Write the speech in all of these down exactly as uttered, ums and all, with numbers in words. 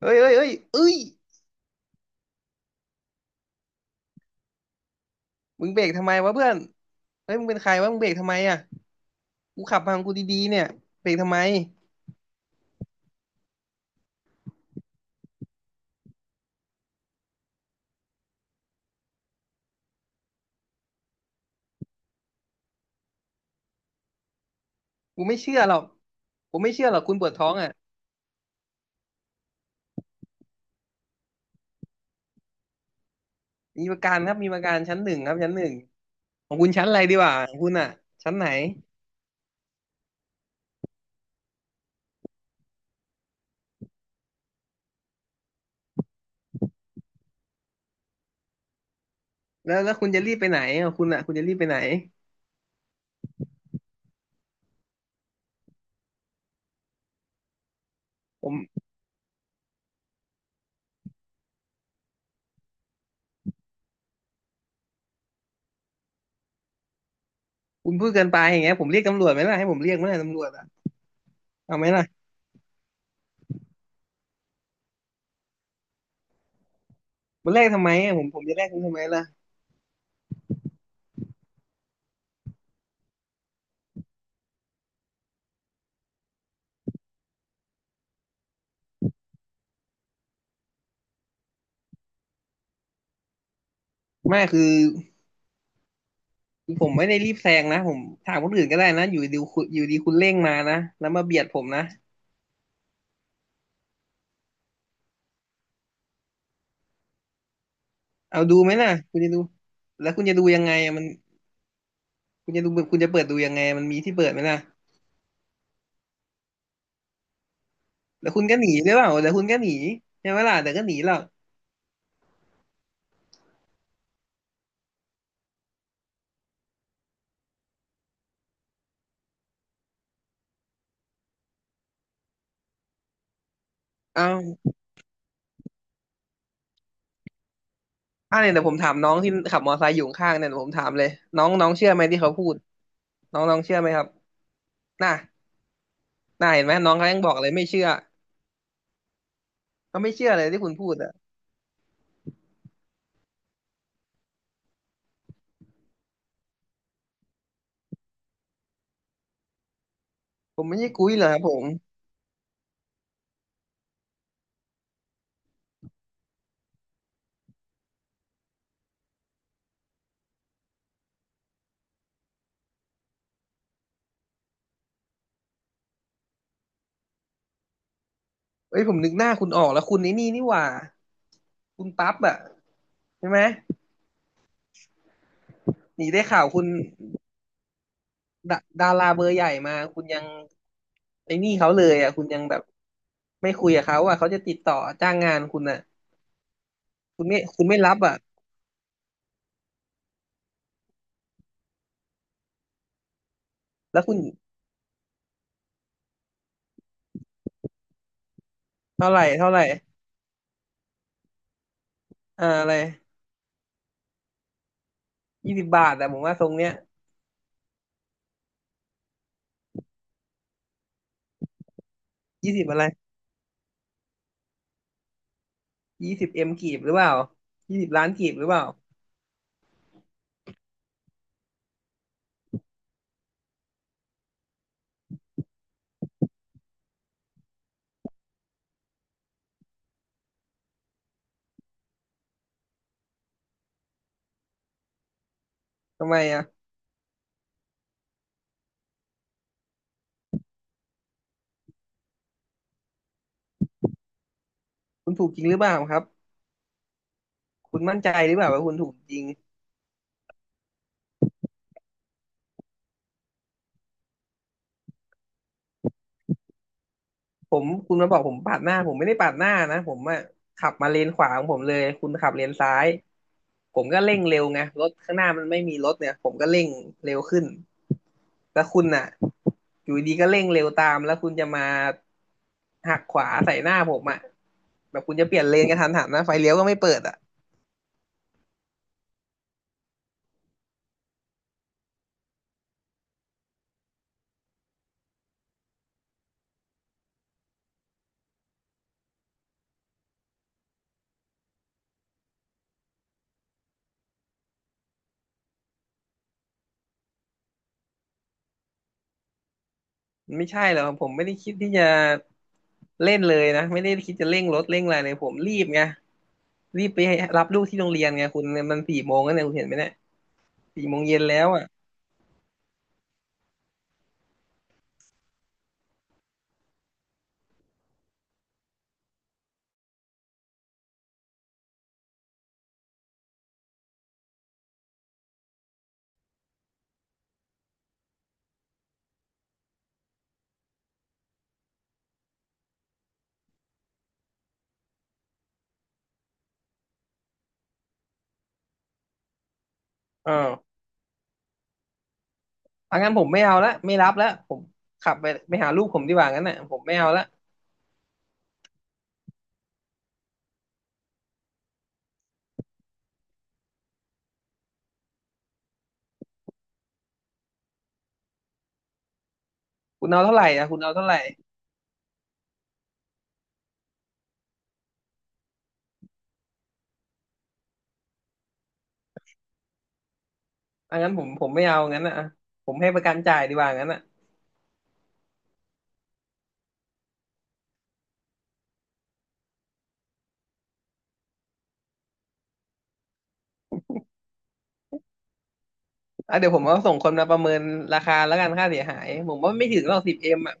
เอ้ยเอ้ยเอ้ยเอ้ยมึงเบรกทำไมวะเพื่อนเฮ้ยมึงเป็นใครวะมึงเบรกทำไมอ่ะกูขับมาของกูดีๆเนี่ยเบรกทำไมกูไม่เชื่อหรอกผมไม่เชื่อหรอกคุณปวดท้องอ่ะมีประกันครับมีประกันชั้นหนึ่งครับชั้นหนึ่งของคุณชั้นอะไรดีวะของคุณอ่ะชั้นไหนแล้วแล้วคุณจะรีบไปไหนของคุณอ่ะคุณจะรีบไปไหนผมคุณพูดเกินไปอย่างเงี้ยผมเรียกตำรวจไหมล่ะให้ผมเรียกไหมล่ะตำรวจอ่ะเอาไหมล่ะมันแรกทำไมอะผมผมจะแรกคุณทำไมล่ะไม่คือผมไม่ได้รีบแซงนะผมถามคนอื่นก็ได้นะอยู่ดีคุณอยู่ดีคุณเร่งมานะแล้วมาเบียดผมนะ เอาดูไหมล่ะคุณจะดูแล้วคุณจะดูยังไงอะมันคุณจะดูคุณจะเปิดดูยังไงมันมีที่เปิดไหมล่ะแล้วคุณก็หนีหรือเปล่าแล้วคุณก็หนีใช่ไหมล่ะแต่ก็หนีหรอกเอาอ่ะเนี่ยแต่ผมถามน้องที่ขับมอไซค์อยู่ข้างๆเนี่ยเดี๋ยวผมถามเลยน้องน้องเชื่อไหมที่เขาพูดน้องน้องเชื่อไหมครับน่ะน่าเห็นไหมน้องเขายังบอกเลยไม่เชื่อเขาไม่เชื่อเลยที่คุณพูดอ่ะผมไม่ใช่กุ้ยเหรอครับผมเอ้ยผมนึกหน้าคุณออกแล้วคุณนี่นี่นี่หว่าคุณปั๊บอ่ะใช่ไหมหนีได้ข่าวคุณ ดาดาราเบอร์ใหญ่มาคุณยังไอ้นี่เขาเลยอ่ะคุณยังแบบไม่คุยกับเขาอ่ะเขาจะติดต่อจ้างงานคุณอ่ะคุณไม่คุณไม่รับอ่ะแล้วคุณเท่าไหร่เท่าไหร่อ่าอะไรยี่สิบบาทแต่ผมว่าทรงเนี้ยยี่สิบอะไรยี่สิบเอ็มกีบหรือเปล่ายี่สิบล้านกีบหรือเปล่าทำไมอ่ะคุณถูกจริงหรือเปล่าครับคุณมั่นใจหรือเปล่าว่าคุณถูกจริง ผมคุณมาบอกผมปาดหน้าผมไม่ได้ปาดหน้านะผมอะขับมาเลนขวาของผมเลยคุณขับเลนซ้ายผมก็เร่งเร็วไงรถข้างหน้ามันไม่มีรถเนี่ยผมก็เร่งเร็วขึ้นแต่คุณน่ะอยู่ดีก็เร่งเร็วตามแล้วคุณจะมาหักขวาใส่หน้าผมอะแบบคุณจะเปลี่ยนเลนกระทันหันนะไฟเลี้ยวก็ไม่เปิดอะมันไม่ใช่หรอกผมไม่ได้คิดที่จะเล่นเลยนะไม่ได้คิดจะเร่งรถเร่งอะไรเลยผมรีบไงรีบไปรับลูกที่โรงเรียนไงคุณมันสี่โมงแล้วเนี่ยคุณเห็นไหมเนี่ย สี่โมงเย็นแล้วอ่ะเออเอางั้นผมไม่เอาละไม่รับแล้วผมขับไปไปหาลูกผมดีกว่างั้นน่ะผมไม่เอาละคุณเอาเท่าไหร่อ่ะคุณเอาเท่าไหร่เอางั้นผมผมไม่เอางั้นน่ะอะผมให้ประกันจ่ายดีกว่างั้นน่ะอ่ะเดี๋ยวผมเอาส่งคนมาประเมินราคาแล้วกันค่าเสียหายผมว่าไม่ถึงหรอกสิบเอ็มอ่ะ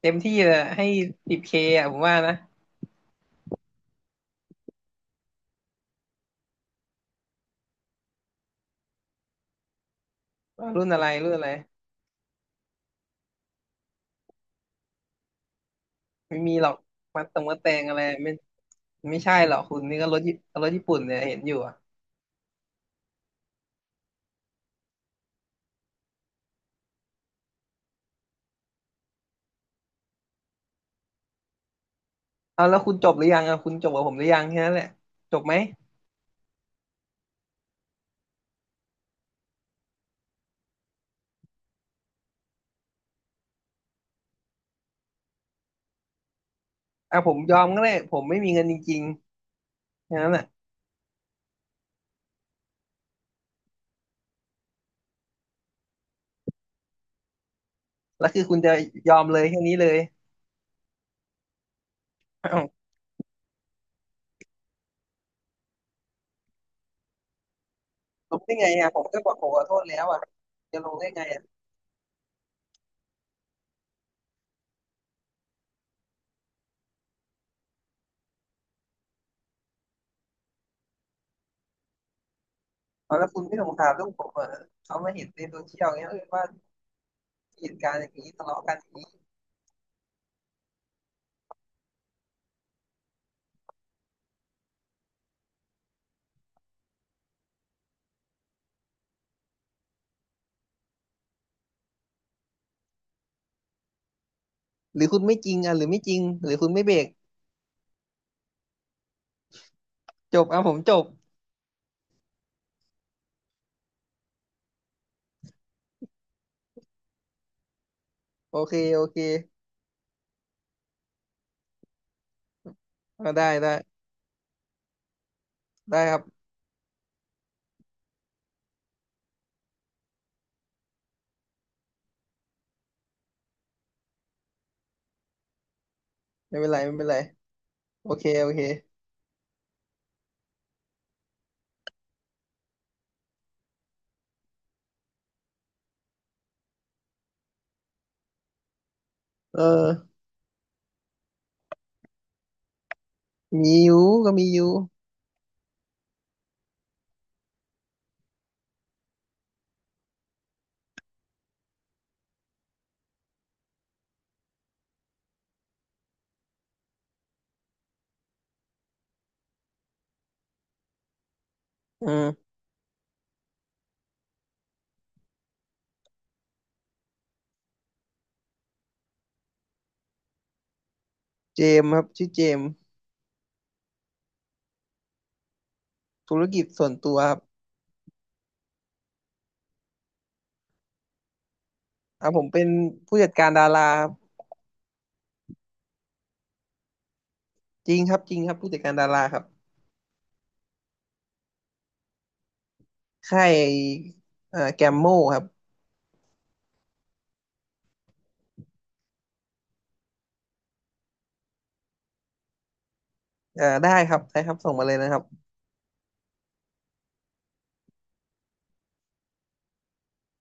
เต็มที่เลยให้สิบเคอ่ะผมว่านะว่ารุ่นอะไรรุ่นอะไรไม่มีหรอกมัดตรงมัดแตงอะไรไม่ไม่ใช่หรอกคุณนี่ก็รถญี่รถญี่ปุ่นเนี่ยเห็นอยู่อ่ะเอาแล้วคุณจบหรือยังอ่ะคุณจบกับผมหรือยังแค่นั้นแหละจบไหม อ่ะผมยอมก็ได้ผมไม่มีเงินจริงๆอย่างนั้นแหละแล้วคือคุณจะยอมเลยแค่นี้เลยอ้าวลงได้ไงอ่ะผมก็บอกผมขอโทษแล้วอ่ะจะลงได้ไงอ่ะเอาแล้วคุณไม่สงสารลูกผมเหรอเขามาเห็นในโซเชียลเงี้ยเออว่าเหตุการณ์อย่างนี้ทะเลาะกันอย่างนี้หรือคุณไม่จริงอ่ะหรือไม่จริงหรือคุณไม่เบรกจบอ่ะผมจบโอเคโอเคอ่ะได้ได้ได้ครับไม่เป็นไรไม่เป็นไรโอเคโอเคเออมีอยู่ก็มีอยู่อืมเจมส์ครับชื่อเจมส์ธุรกิจส่วนตัวครับ อ่ะผมเป็นผู้จัดการดาราครับจริงครับจริงครับผู้จัดการดาราครับค่ายเอ่อแกมโมครับเอ่อได้ครับได้ครับส่งมาเลยนะครับ